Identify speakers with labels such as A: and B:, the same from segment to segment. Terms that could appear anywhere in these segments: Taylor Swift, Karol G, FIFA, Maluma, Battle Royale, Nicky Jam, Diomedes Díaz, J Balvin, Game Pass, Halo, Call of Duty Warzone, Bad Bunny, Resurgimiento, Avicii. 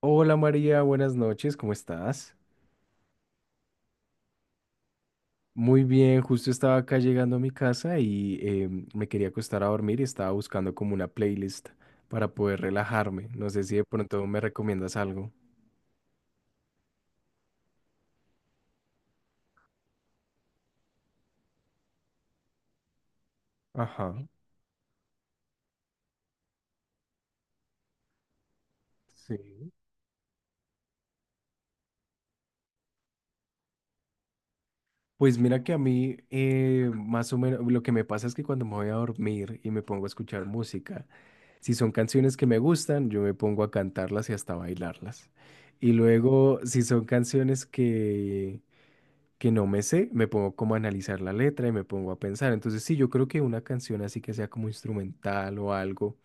A: Hola María, buenas noches, ¿cómo estás? Muy bien, justo estaba acá llegando a mi casa y me quería acostar a dormir y estaba buscando como una playlist para poder relajarme. No sé si de pronto me recomiendas algo. Ajá, sí. Pues mira que a mí más o menos lo que me pasa es que cuando me voy a dormir y me pongo a escuchar música, si son canciones que me gustan, yo me pongo a cantarlas y hasta bailarlas. Y luego, si son canciones que no me sé, me pongo como a analizar la letra y me pongo a pensar. Entonces, sí, yo creo que una canción así que sea como instrumental o algo,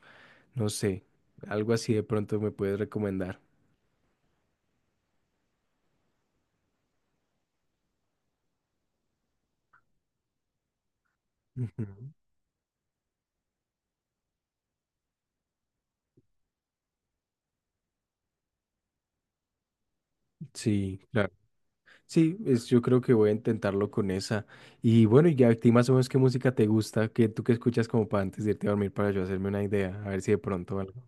A: no sé, algo así de pronto me puedes recomendar. Ujú. Sí, claro. Sí, yo creo que voy a intentarlo con esa. Y bueno, y a ti más o menos qué música te gusta, que tú que escuchas como para antes de irte a dormir para yo hacerme una idea, a ver si de pronto algo.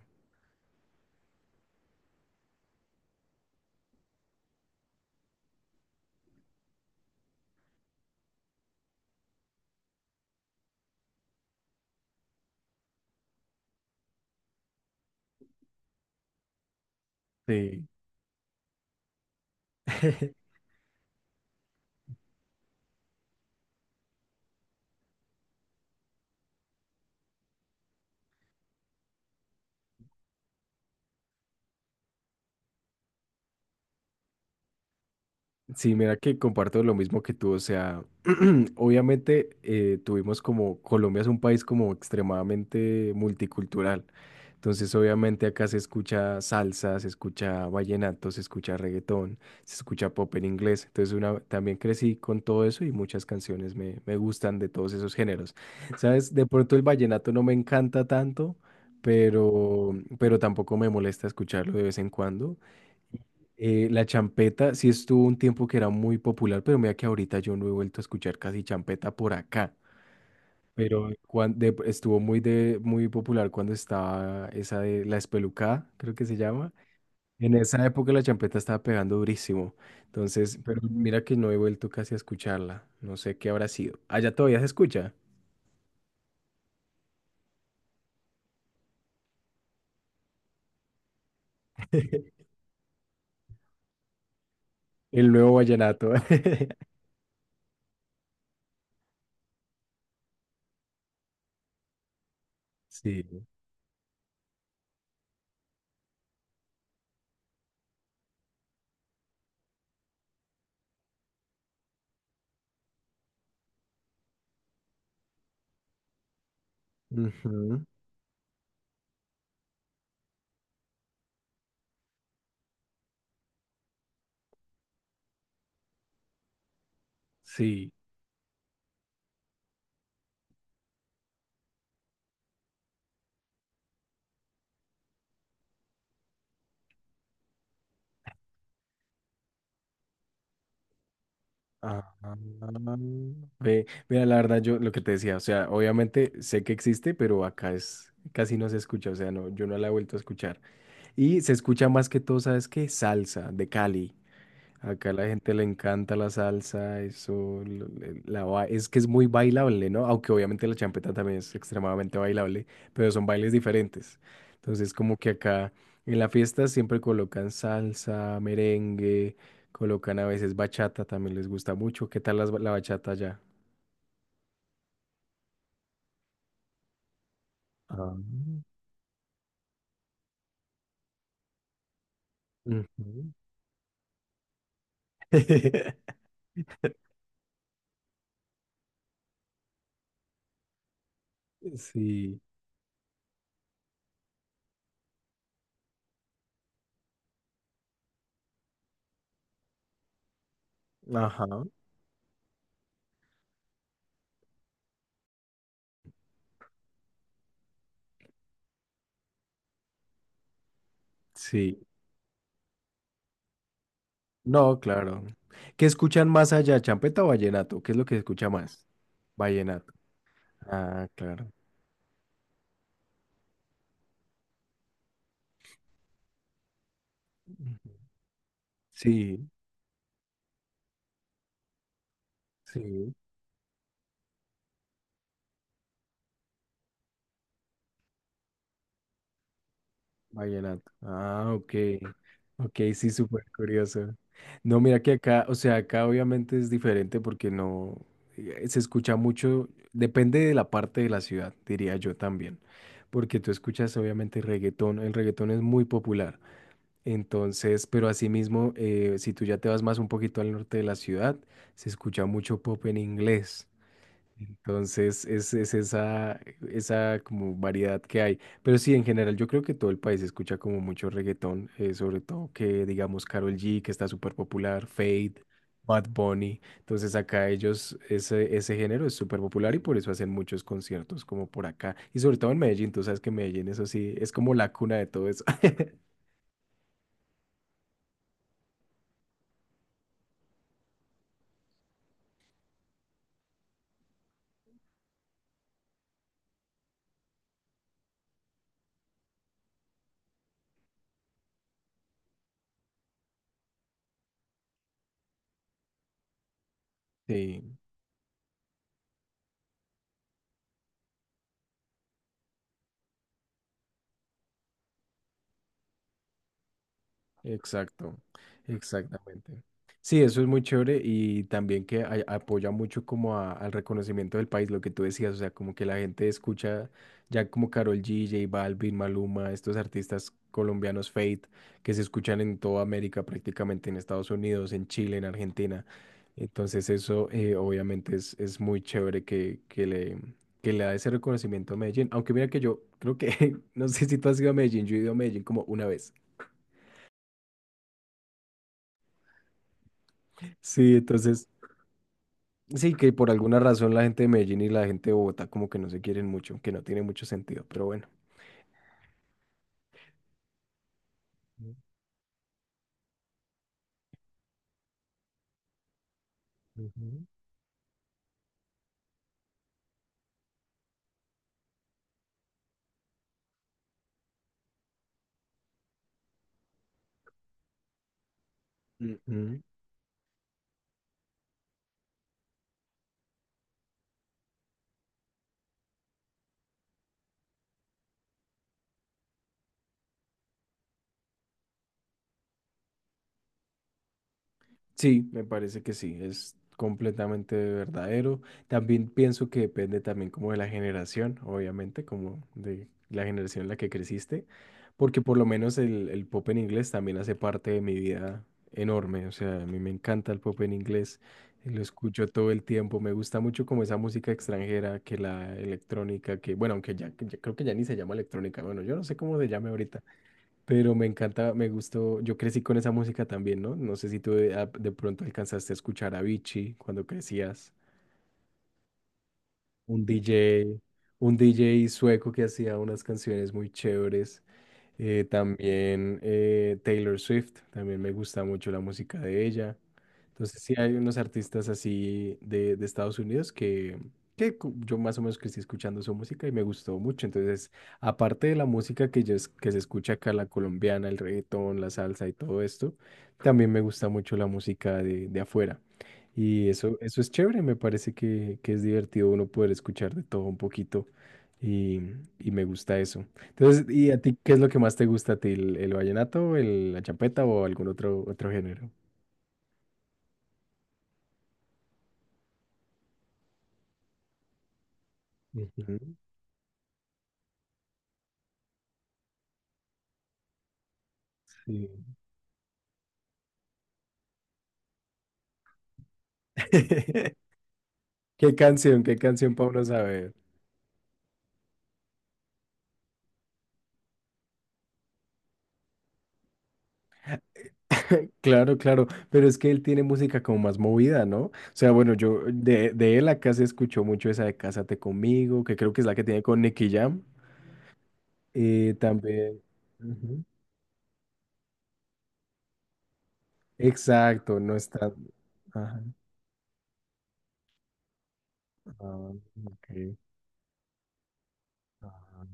A: Sí. Sí, mira que comparto lo mismo que tú, o sea, obviamente tuvimos como, Colombia es un país como extremadamente multicultural, entonces obviamente acá se escucha salsa, se escucha vallenato, se escucha reggaetón, se escucha pop en inglés, entonces una, también crecí con todo eso y muchas canciones me gustan de todos esos géneros. ¿Sabes? De pronto el vallenato no me encanta tanto, pero, pero tampoco me molesta escucharlo de vez en cuando. La champeta sí estuvo un tiempo que era muy popular, pero mira que ahorita yo no he vuelto a escuchar casi champeta por acá. Pero estuvo muy popular cuando estaba esa de La Espelucada, creo que se llama. En esa época la champeta estaba pegando durísimo. Entonces, pero, ujú, mira que no he vuelto casi a escucharla. No sé qué habrá sido. Allá todavía se escucha. El nuevo vallenato. Sí. Ujú, sí. Ah, ve, mira, la verdad, yo lo que te decía, o sea, obviamente sé que existe, pero acá es casi no se escucha, o sea, no, yo no la he vuelto a escuchar. Y se escucha más que todo, ¿sabes qué? Salsa de Cali. Acá a la gente le encanta la salsa, eso, es que es muy bailable, ¿no? Aunque obviamente la champeta también es extremadamente bailable, pero son bailes diferentes. Entonces, como que acá en la fiesta siempre colocan salsa, merengue, colocan a veces bachata, también les gusta mucho. ¿Qué tal la bachata allá? Ah, ujú. Sí, ajá, sí. No, claro. ¿Qué escuchan más allá, champeta o vallenato? ¿Qué es lo que se escucha más? Vallenato. Ah, claro. Ujú. Sí, sí, vallenato. Ah, ok. Ok, sí, súper curioso. No, mira que acá, o sea, acá obviamente es diferente porque no se escucha mucho, depende de la parte de la ciudad, diría yo también. Porque tú escuchas obviamente reggaetón, el reggaetón es muy popular. Entonces, pero asimismo, si tú ya te vas más un poquito al norte de la ciudad, se escucha mucho pop en inglés. Entonces es esa como variedad que hay. Pero sí, en general yo creo que todo el país escucha como mucho reggaetón, sobre todo que digamos Karol G, que está súper popular, Fade, Bad Bunny. Entonces acá ellos, ese género es súper popular y por eso hacen muchos conciertos como por acá. Y sobre todo en Medellín, tú sabes que Medellín, eso sí, es como la cuna de todo eso. Sí. Exacto, exactamente. Sí, eso es muy chévere y también que apoya mucho como al reconocimiento del país, lo que tú decías, o sea, como que la gente escucha ya como Karol G, J Balvin, Maluma, estos artistas colombianos Fate, que se escuchan en toda América prácticamente, en Estados Unidos, en Chile, en Argentina. Entonces eso obviamente es muy chévere que le da ese reconocimiento a Medellín, aunque mira que yo creo que, no sé si tú has ido a Medellín, yo he ido a Medellín como una vez. Sí, entonces. Sí, que por alguna razón la gente de Medellín y la gente de Bogotá como que no se quieren mucho, que no tiene mucho sentido, pero bueno. Ujú. Sí, me parece que sí, es completamente verdadero. También pienso que depende también como de la generación, obviamente, como de la generación en la que creciste, porque por lo menos el pop en inglés también hace parte de mi vida enorme. O sea, a mí me encanta el pop en inglés, lo escucho todo el tiempo, me gusta mucho como esa música extranjera, que la electrónica, que bueno, aunque ya creo que ya ni se llama electrónica, bueno, yo no sé cómo se llame ahorita, pero me encanta, me gustó, yo crecí con esa música también, ¿no? No sé si tú de pronto alcanzaste a escuchar a Avicii cuando crecías, un DJ, un DJ sueco que hacía unas canciones muy chéveres. También Taylor Swift, también me gusta mucho la música de ella. Entonces sí hay unos artistas así de Estados Unidos que, yo más o menos crecí escuchando su música y me gustó mucho. Entonces, aparte de la música que se escucha acá, la colombiana, el reggaetón, la salsa y todo esto, también me gusta mucho la música de afuera. Y eso es chévere, me parece que es divertido uno poder escuchar de todo un poquito y, y me gusta eso. Entonces, ¿y a ti qué es lo que más te gusta a ti? ¿El vallenato, la champeta o algún otro género? Ujú, sí. ¿Qué canción? ¿Qué canción Pablo sabe? Claro, claro, pero es que él tiene música como más movida, ¿no? O sea, bueno, yo de él acá se escuchó mucho esa de Cásate conmigo, que creo que es la que tiene con Nicky Jam. Y también. Ujú. Exacto, no está. Ajá. Ah, ok. Ah,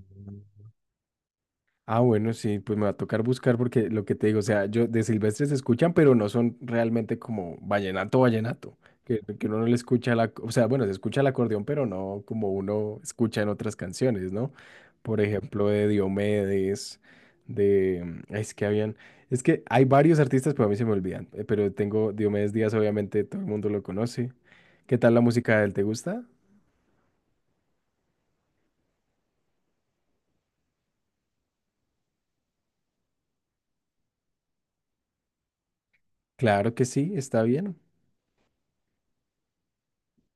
A: Bueno, sí, pues me va a tocar buscar porque lo que te digo, o sea, yo de Silvestre se escuchan, pero no son realmente como vallenato, vallenato, que uno no le escucha o sea, bueno, se escucha el acordeón, pero no como uno escucha en otras canciones, ¿no? Por ejemplo, de Diomedes, de, mm, ay, es que habían, es que hay varios artistas, pero a mí se me olvidan, pero tengo Diomedes Díaz, obviamente todo el mundo lo conoce. ¿Qué tal la música de él? ¿Te gusta? Claro que sí, está bien.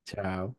A: Chao.